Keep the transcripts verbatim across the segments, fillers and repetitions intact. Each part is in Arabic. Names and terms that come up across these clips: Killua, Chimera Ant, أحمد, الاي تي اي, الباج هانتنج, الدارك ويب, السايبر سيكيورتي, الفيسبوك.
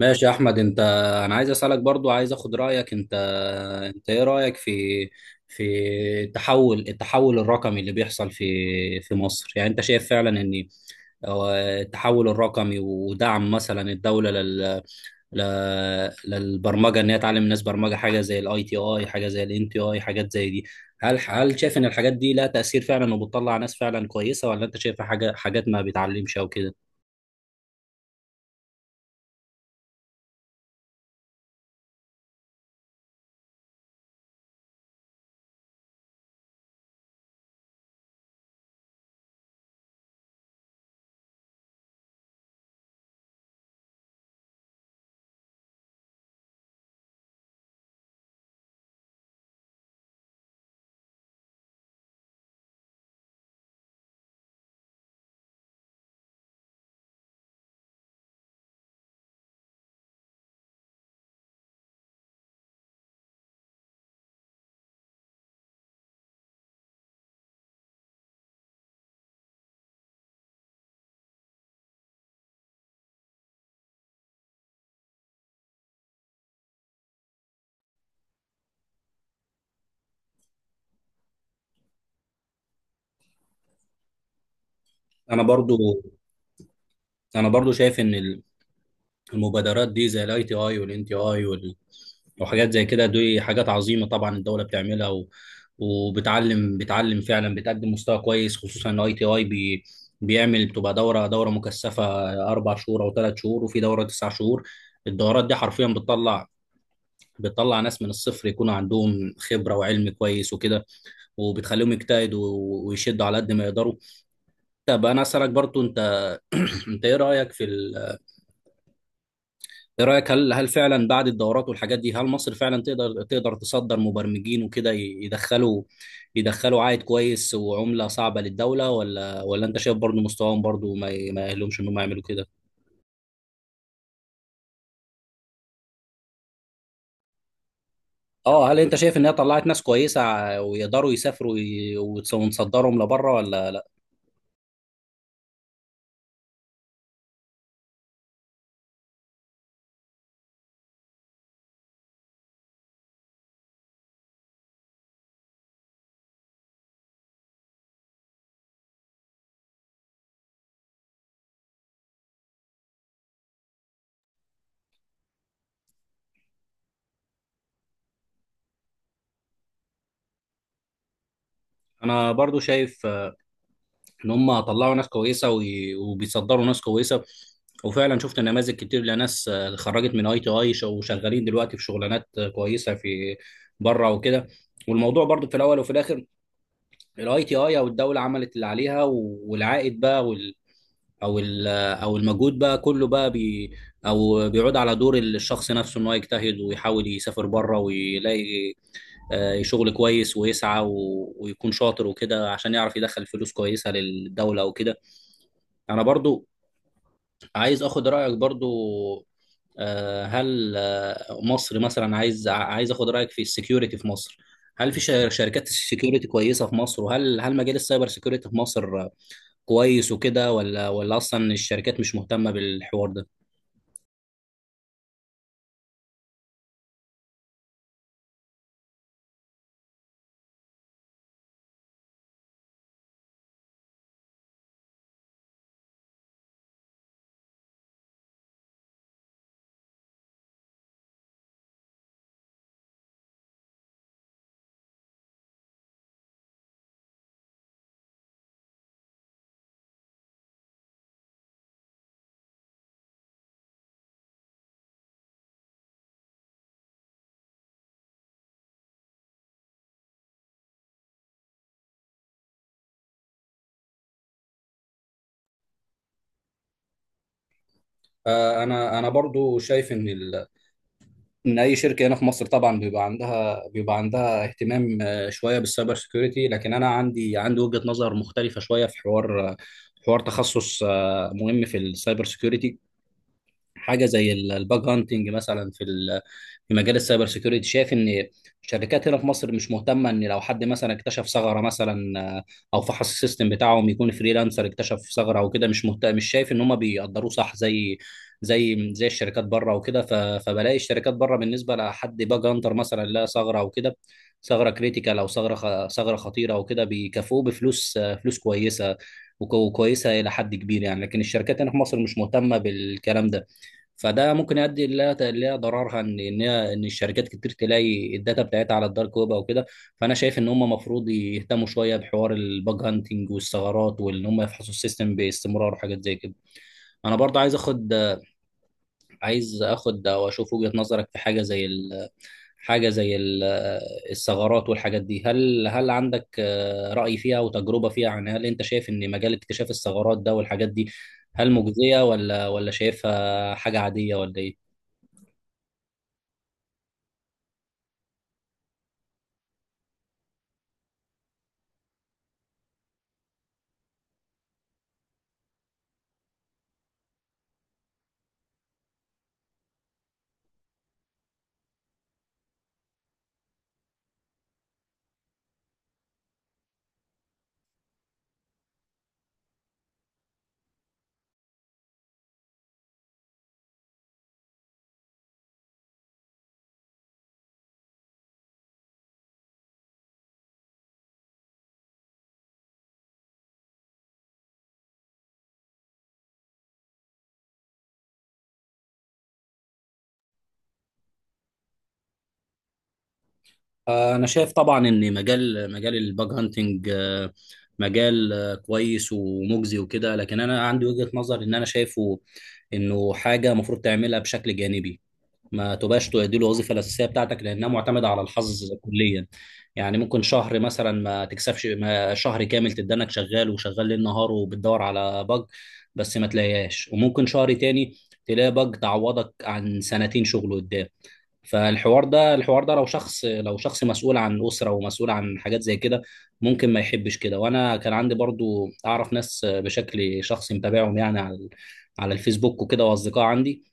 ماشي يا احمد. انت انا عايز اسالك برضو، عايز اخد رايك. انت انت ايه رايك في في التحول التحول الرقمي اللي بيحصل في في مصر؟ يعني انت شايف فعلا ان أو التحول الرقمي ودعم مثلا الدوله لل... ل- للبرمجه، ان هي تعلم الناس برمجه، حاجه زي الاي تي اي، حاجه زي الان تي اي، حاجات زي دي، هل هل شايف ان الحاجات دي لها تاثير فعلا وبتطلع ناس فعلا كويسه، ولا انت شايفها حاجه حاجات ما بيتعلمش او كده؟ انا برضو انا برضو شايف ان ال... المبادرات دي زي الاي تي اي والان تي اي وحاجات زي كده، دي حاجات عظيمه طبعا الدوله بتعملها و... وبتعلم بتعلم فعلا، بتقدم مستوى كويس. خصوصا ان اي تي اي بي... بيعمل، بتبقى دوره دوره مكثفه، اربع شهور او ثلاث شهور، وفي دوره تسع شهور. الدورات دي حرفيا بتطلع، بتطلع ناس من الصفر يكون عندهم خبره وعلم كويس وكده، وبتخليهم يجتهدوا ويشدوا على قد ما يقدروا. طب انا اسالك برضو، انت انت ايه رايك في ال... ايه رايك، هل هل فعلا بعد الدورات والحاجات دي هل مصر فعلا تقدر تقدر تصدر مبرمجين وكده، ي- يدخلوا يدخلوا عائد كويس وعمله صعبه للدوله، ولا ولا انت شايف برضو مستواهم برضو ما ي- ما يأهلهمش انهم يعملوا كده؟ اه، هل انت شايف ان هي طلعت ناس كويسه ع- ويقدروا يسافروا وي- وتص- ونصدرهم لبره، ولا لا؟ انا برضو شايف ان هم طلعوا ناس كويسه وي- وبيصدروا ناس كويسه، وفعلا شفت نماذج كتير لناس آه، خرجت من اي تي اي وشغالين دلوقتي في شغلانات آه، كويسه في بره وكده. والموضوع برضو في الاول وفي الاخر، الاي تي اي او الدوله عملت اللي عليها، و- والعائد بقى وال او ال او المجهود بقى كله بقى بي او بيعود على دور الشخص نفسه، ان هو يجتهد ويحاول يسافر بره ويلاقي آه، شغل كويس، ويسعى و- ويكون شاطر وكده عشان يعرف يدخل فلوس كويسه للدوله وكده. انا برضو عايز اخد رايك برضو آه، هل آه، مصر مثلا، عايز عايز اخد رايك في السكيورتي في مصر. هل في شر- شركات سكيورتي كويسه في مصر؟ وهل هل مجال السايبر سكيورتي في مصر آه، كويس وكده، ولا ولا اصلا الشركات مش مهتمه بالحوار ده؟ آه، انا انا برضو شايف ان ال- ان اي شركه هنا في مصر طبعا بيبقى عندها بيبقى عندها اهتمام آه، شويه بالسايبر سيكيورتي، لكن انا عندي عندي وجهه نظر مختلفه شويه في حوار آه، حوار تخصص آه، مهم في السايبر سيكيورتي. حاجه زي الباج هانتنج مثلا في في مجال السايبر سيكيورتي، شايف ان الشركات هنا في مصر مش مهتمه، ان لو حد مثلا اكتشف ثغره مثلا آه، او فحص السيستم بتاعهم، يكون فريلانسر اكتشف ثغره او كده، مش مهتم، مش شايف ان هم بيقدروه صح زي زي زي الشركات بره وكده. ف- فبلاقي الشركات بره بالنسبه لحد باج هانتر مثلا، لا ثغره او كده، ثغره كريتيكال او ثغره خ- ثغره خطيره او كده، بيكافئوه بفلوس آه، فلوس كويسه وكو- وكويسه الى حد كبير يعني. لكن الشركات هنا في مصر مش مهتمه بالكلام ده، فده ممكن يؤدي لها لها ضررها، ان ان هي- ان الشركات كتير تلاقي الداتا بتاعتها على الدارك ويب او كده. فانا شايف ان هم المفروض يهتموا شويه بحوار الباج هانتنج والثغرات، وان هم يفحصوا السيستم باستمرار وحاجات زي كده. انا برضه عايز اخد، عايز اخد او اشوف وجهه نظرك في حاجه زي ال... حاجه زي ال... الثغرات والحاجات دي. هل هل عندك آه، راي فيها وتجربه فيها؟ يعني هل انت شايف ان مجال اكتشاف الثغرات ده والحاجات دي هل مجزيه، ولا ولا شايفها حاجه عاديه، ولا ايه؟ آه، أنا شايف طبعا إن مجال مجال الباج هانتنج آه، مجال آه، كويس ومجزي وكده، لكن أنا عندي وجهة نظر إن أنا شايفه إنه حاجة المفروض تعملها بشكل جانبي، ما تبقاش دي الوظيفة الأساسية بتاعتك لأنها معتمدة على الحظ كليا. يعني ممكن شهر مثلا ما تكسبش، ما شهر كامل تدانك شغال وشغال ليل نهار وبتدور على باج بس ما تلاقيهاش، وممكن شهر تاني تلاقي باج تعوضك عن سنتين شغل قدام. فالحوار ده الحوار ده لو شخص لو شخص مسؤول عن أسرة ومسؤول عن حاجات زي كده، ممكن ما يحبش كده. وانا كان عندي برضو اعرف ناس بشكل شخصي متابعهم يعني على على الفيسبوك وكده، واصدقاء عندي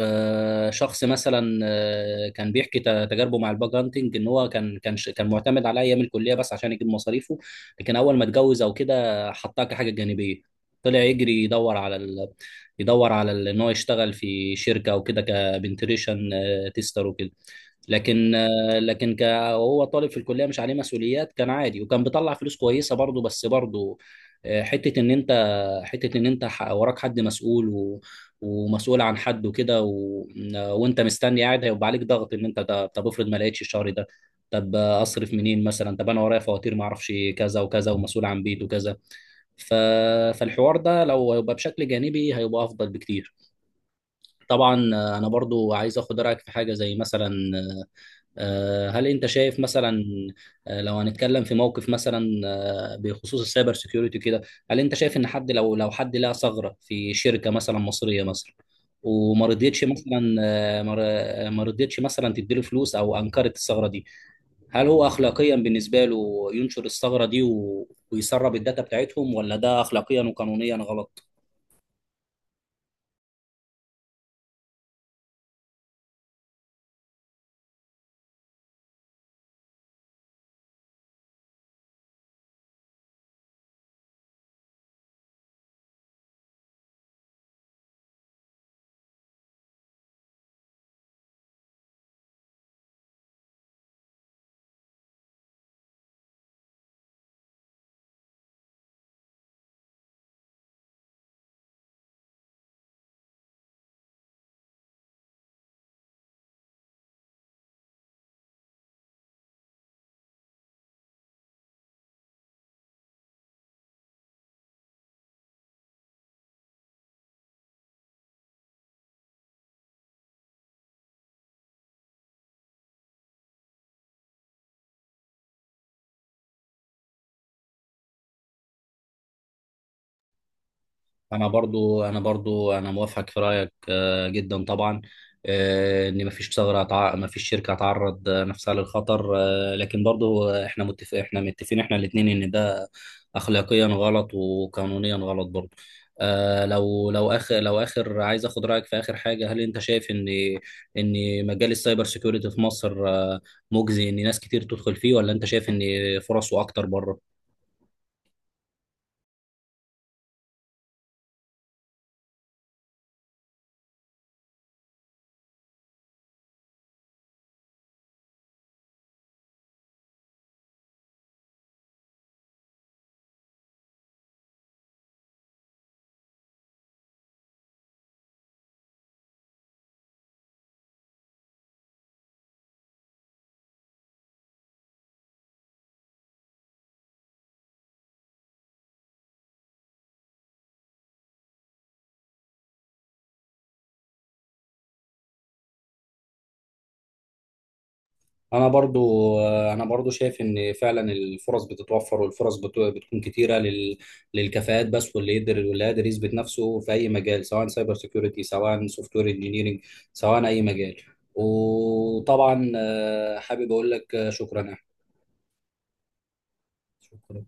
آه، شخص مثلا آه، كان بيحكي ت- تجاربه مع الباج هانتنج، ان هو كان كان ش- كان معتمد على ايام الكليه بس عشان يجيب مصاريفه، لكن اول ما اتجوز او كده حطها كحاجه جانبيه، طلع يجري يدور على ال... يدور على ال- ان هو يشتغل في شركه او كده، كبنتريشن تيستر وكده. لكن آه، لكن ك- وهو طالب في الكليه مش عليه مسؤوليات، كان عادي وكان بيطلع فلوس كويسه برضه. بس برضه آه، حته ان انت، حته ان انت ح- وراك حد مسؤول و ومسؤول عن حد وكده و... وانت مستني قاعد، هيبقى عليك ضغط، ان انت ده طب افرض ما لقيتش الشهر ده؟ طب آه، اصرف منين مثلا؟ طب انا ورايا فواتير ما اعرفش كذا وكذا، ومسؤول عن بيت وكذا. ف... فالحوار ده لو هيبقى بشكل جانبي هيبقى افضل بكتير. طبعا آه، انا برضو عايز اخد رايك في حاجه زي مثلا آه، هل انت شايف مثلا آه، لو هنتكلم في موقف مثلا آه، بخصوص السايبر سيكيورتي كده، هل انت شايف ان حد لو لو حد لقى ثغرة في شركة مثلا مصرية مثلا، وما رضيتش مثلا آه، ما ر- آه، ما رضيتش مثلا تديله فلوس او انكرت الثغرة دي، هل هو اخلاقيا بالنسبة له ينشر الثغرة دي و- ويسرب الداتا بتاعتهم، ولا ده اخلاقيا وقانونيا غلط؟ انا برضو انا برضو انا موافقك في رايك آه، جدا طبعا. آه، ان مفيش ثغره هتع- مفيش شركه هتعرض آه، نفسها للخطر آه، لكن برضو آه، احنا متف... احنا متفقين احنا الاثنين ان ده اخلاقيا غلط وقانونيا غلط برضو. آه، لو لو اخر لو اخر عايز اخد رايك في اخر حاجه. هل انت شايف ان ان مجال السايبر سيكيورتي في مصر آه، مجزي، ان ناس كتير تدخل فيه، ولا انت شايف ان فرصه اكتر بره؟ انا برضو انا برضو شايف ان فعلا الفرص بتتوفر، والفرص بت- بتكون كتيره لل... للكفاءات بس، واللي يقدر واللي قادر يثبت نفسه في اي مجال، سواء سايبر سيكيورتي، سواء سوفت وير انجينيرنج، سواء اي مجال. وطبعا آه، حابب اقول لك آه، شكرا يا أحمد. شكرا.